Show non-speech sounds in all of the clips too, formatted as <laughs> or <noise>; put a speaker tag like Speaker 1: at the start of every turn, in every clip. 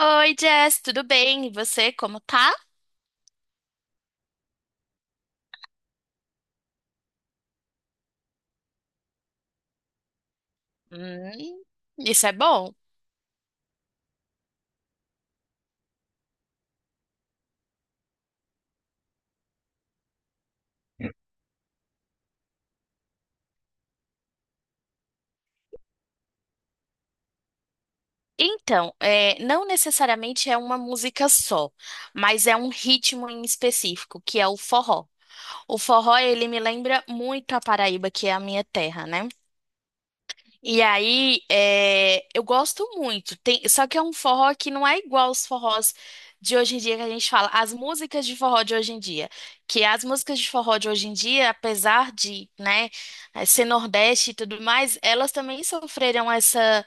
Speaker 1: Oi, Jess, tudo bem? E você, como tá? Hum, isso é bom. Então, é, não necessariamente é uma música só, mas é um ritmo em específico, que é o forró. O forró, ele me lembra muito a Paraíba, que é a minha terra, né? E aí, é, eu gosto muito. Só que é um forró que não é igual os forrós de hoje em dia que a gente fala, as músicas de forró de hoje em dia. Que as músicas de forró de hoje em dia, apesar de, né, ser Nordeste e tudo mais, elas também sofreram essa,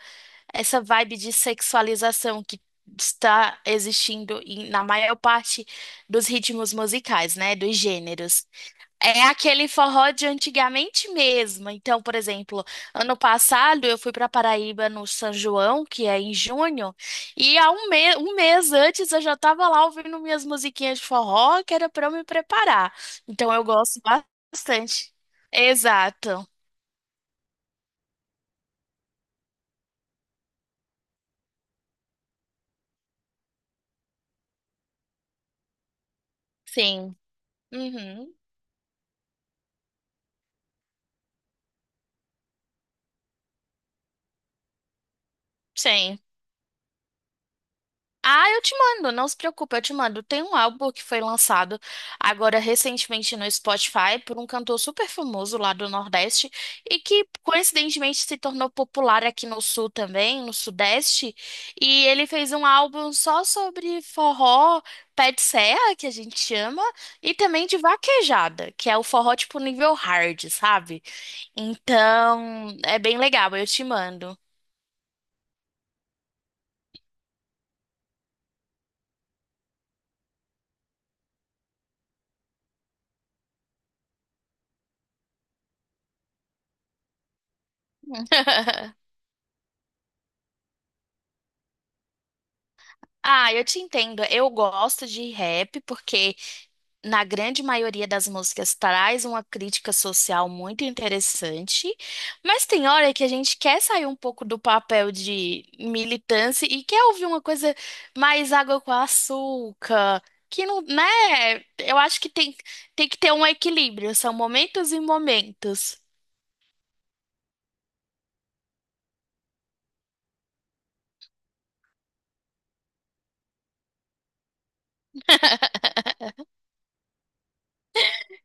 Speaker 1: essa vibe de sexualização que está existindo na maior parte dos ritmos musicais, né, dos gêneros. É aquele forró de antigamente mesmo. Então, por exemplo, ano passado eu fui para Paraíba no São João, que é em junho, e há um, me um mês antes eu já estava lá ouvindo minhas musiquinhas de forró, que era para eu me preparar. Então, eu gosto bastante. Exato. Sim. Uhum. Sim. Ah, eu te mando, não se preocupe, eu te mando. Tem um álbum que foi lançado agora recentemente no Spotify por um cantor super famoso lá do Nordeste e que coincidentemente se tornou popular aqui no Sul também, no Sudeste. E ele fez um álbum só sobre forró, pé de serra, que a gente chama, e também de vaquejada, que é o forró tipo nível hard, sabe? Então, é bem legal, eu te mando. <laughs> Ah, eu te entendo. Eu gosto de rap porque, na grande maioria das músicas, traz uma crítica social muito interessante. Mas tem hora que a gente quer sair um pouco do papel de militância e quer ouvir uma coisa mais água com açúcar. Que não, né? Eu acho que tem que ter um equilíbrio. São momentos e momentos.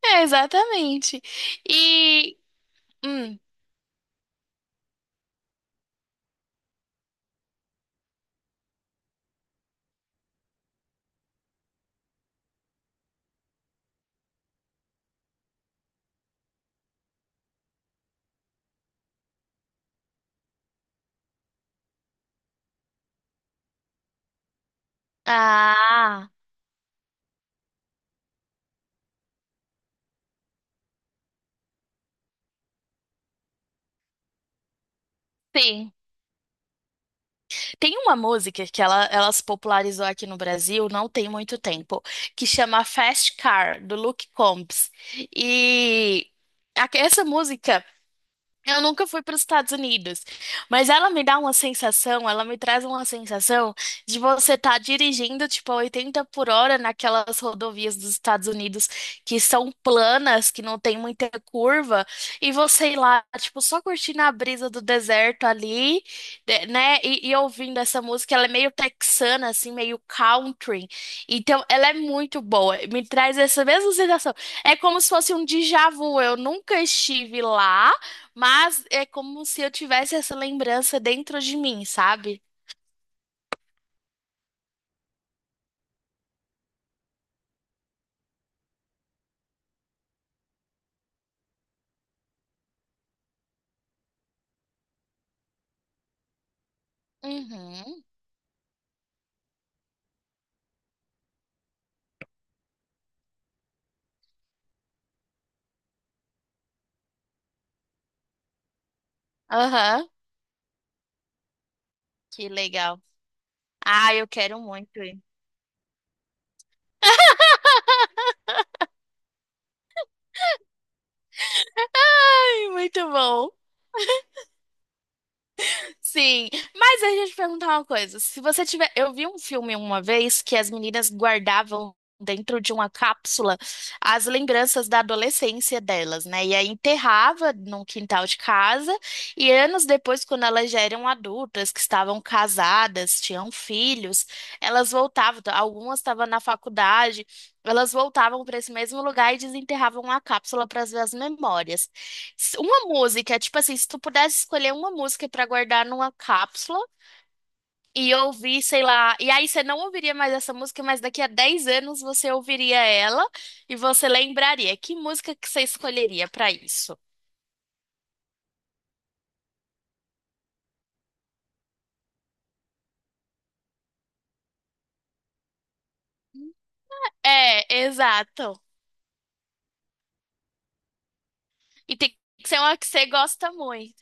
Speaker 1: É, exatamente. E. hum, ah, sim. Tem uma música que ela se popularizou aqui no Brasil não tem muito tempo, que chama Fast Car, do Luke Combs. E essa música. Eu nunca fui para os Estados Unidos, mas ela me dá uma sensação, ela me traz uma sensação de você estar dirigindo tipo a 80 por hora naquelas rodovias dos Estados Unidos que são planas, que não tem muita curva, e você ir lá, tipo, só curtindo a brisa do deserto ali, né? E ouvindo essa música, ela é meio texana, assim, meio country. Então, ela é muito boa, me traz essa mesma sensação. É como se fosse um déjà vu. Eu nunca estive lá. Mas é como se eu tivesse essa lembrança dentro de mim, sabe? Uhum. Aham. Que legal. Ah, eu quero muito ir. <laughs> Ai, muito bom. Sim, mas a gente perguntar uma coisa. Se você tiver, eu vi um filme uma vez que as meninas guardavam dentro de uma cápsula as lembranças da adolescência delas, né? E aí enterrava num quintal de casa e anos depois, quando elas já eram adultas, que estavam casadas, tinham filhos, elas voltavam. Algumas estavam na faculdade, elas voltavam para esse mesmo lugar e desenterravam a cápsula para ver as memórias. Uma música, tipo assim, se tu pudesse escolher uma música pra guardar numa cápsula e ouvir, sei lá, e aí você não ouviria mais essa música, mas daqui a 10 anos você ouviria ela e você lembraria. Que música que você escolheria pra isso? É, exato. E tem que ser uma que você gosta muito.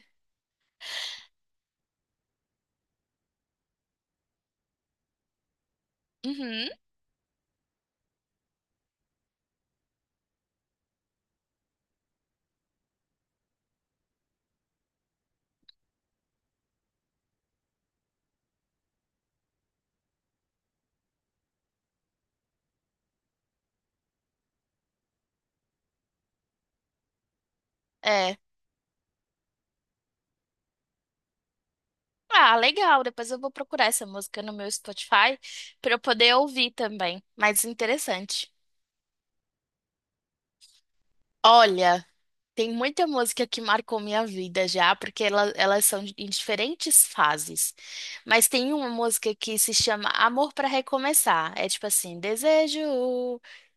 Speaker 1: Uhum, é. Ah, legal. Depois eu vou procurar essa música no meu Spotify pra eu poder ouvir também. Mas interessante. Olha, tem muita música que marcou minha vida já, porque elas são em diferentes fases. Mas tem uma música que se chama Amor para Recomeçar. É tipo assim: desejo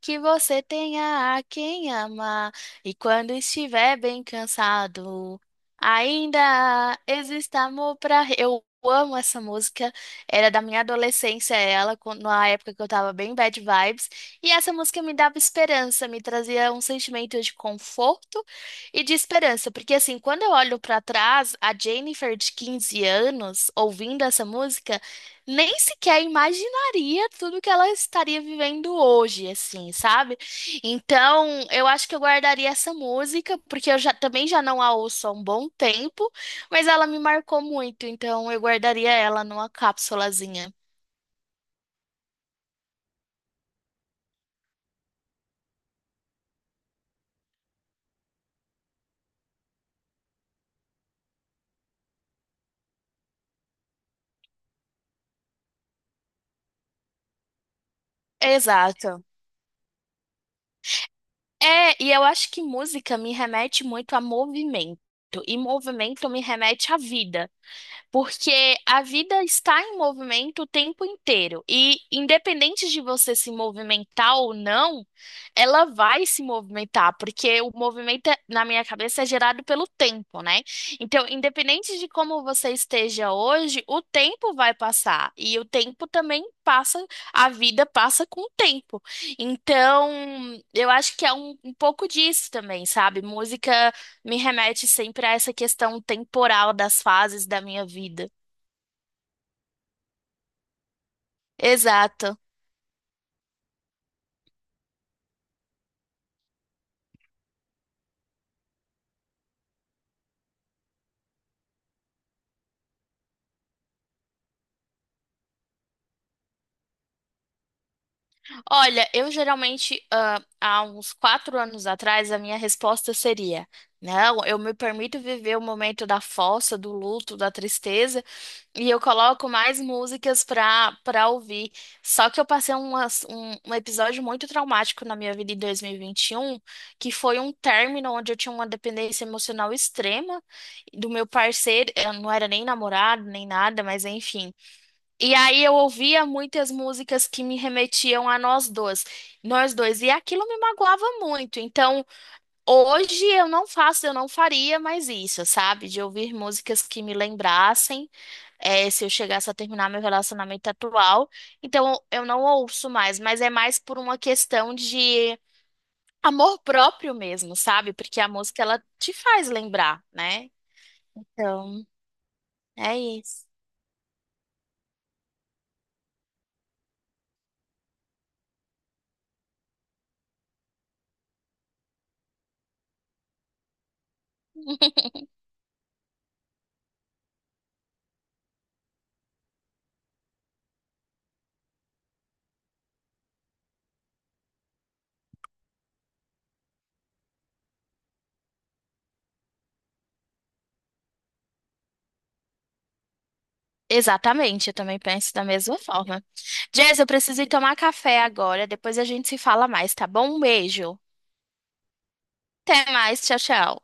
Speaker 1: que você tenha a quem amar, e quando estiver bem cansado, ainda exista amor para. Eu amo essa música, era da minha adolescência, ela, na época que eu tava bem bad vibes. E essa música me dava esperança, me trazia um sentimento de conforto e de esperança, porque assim, quando eu olho pra trás, a Jennifer de 15 anos ouvindo essa música, nem sequer imaginaria tudo que ela estaria vivendo hoje, assim, sabe? Então, eu acho que eu guardaria essa música, porque eu já também já não a ouço há um bom tempo, mas ela me marcou muito, então eu guardaria ela numa cápsulazinha. Exato. É, e eu acho que música me remete muito a movimento, e movimento me remete à vida. Porque a vida está em movimento o tempo inteiro. E independente de você se movimentar ou não, ela vai se movimentar, porque o movimento, na minha cabeça, é gerado pelo tempo, né? Então, independente de como você esteja hoje, o tempo vai passar. E o tempo também passa, a vida passa com o tempo. Então, eu acho que é um pouco disso também, sabe? Música. Me remete sempre a essa questão temporal das fases da minha vida. Exato. Olha, eu geralmente, há uns 4 anos atrás, a minha resposta seria: não, eu me permito viver o momento da fossa, do luto, da tristeza, e eu coloco mais músicas pra ouvir. Só que eu passei um episódio muito traumático na minha vida em dois mil e vinte e um que foi um término onde eu tinha uma dependência emocional extrema do meu parceiro. Eu não era nem namorado, nem nada, mas enfim. E aí eu ouvia muitas músicas que me remetiam a nós dois. Nós dois. E aquilo me magoava muito. Então, hoje eu não faço, eu não faria mais isso, sabe? De ouvir músicas que me lembrassem é, se eu chegasse a terminar meu relacionamento atual. Então eu não ouço mais, mas é mais por uma questão de amor próprio mesmo, sabe? Porque a música ela te faz lembrar, né? Então é isso. Exatamente, eu também penso da mesma forma. Jess, eu preciso ir tomar café agora, depois a gente se fala mais, tá bom? Um beijo. Até mais, tchau, tchau.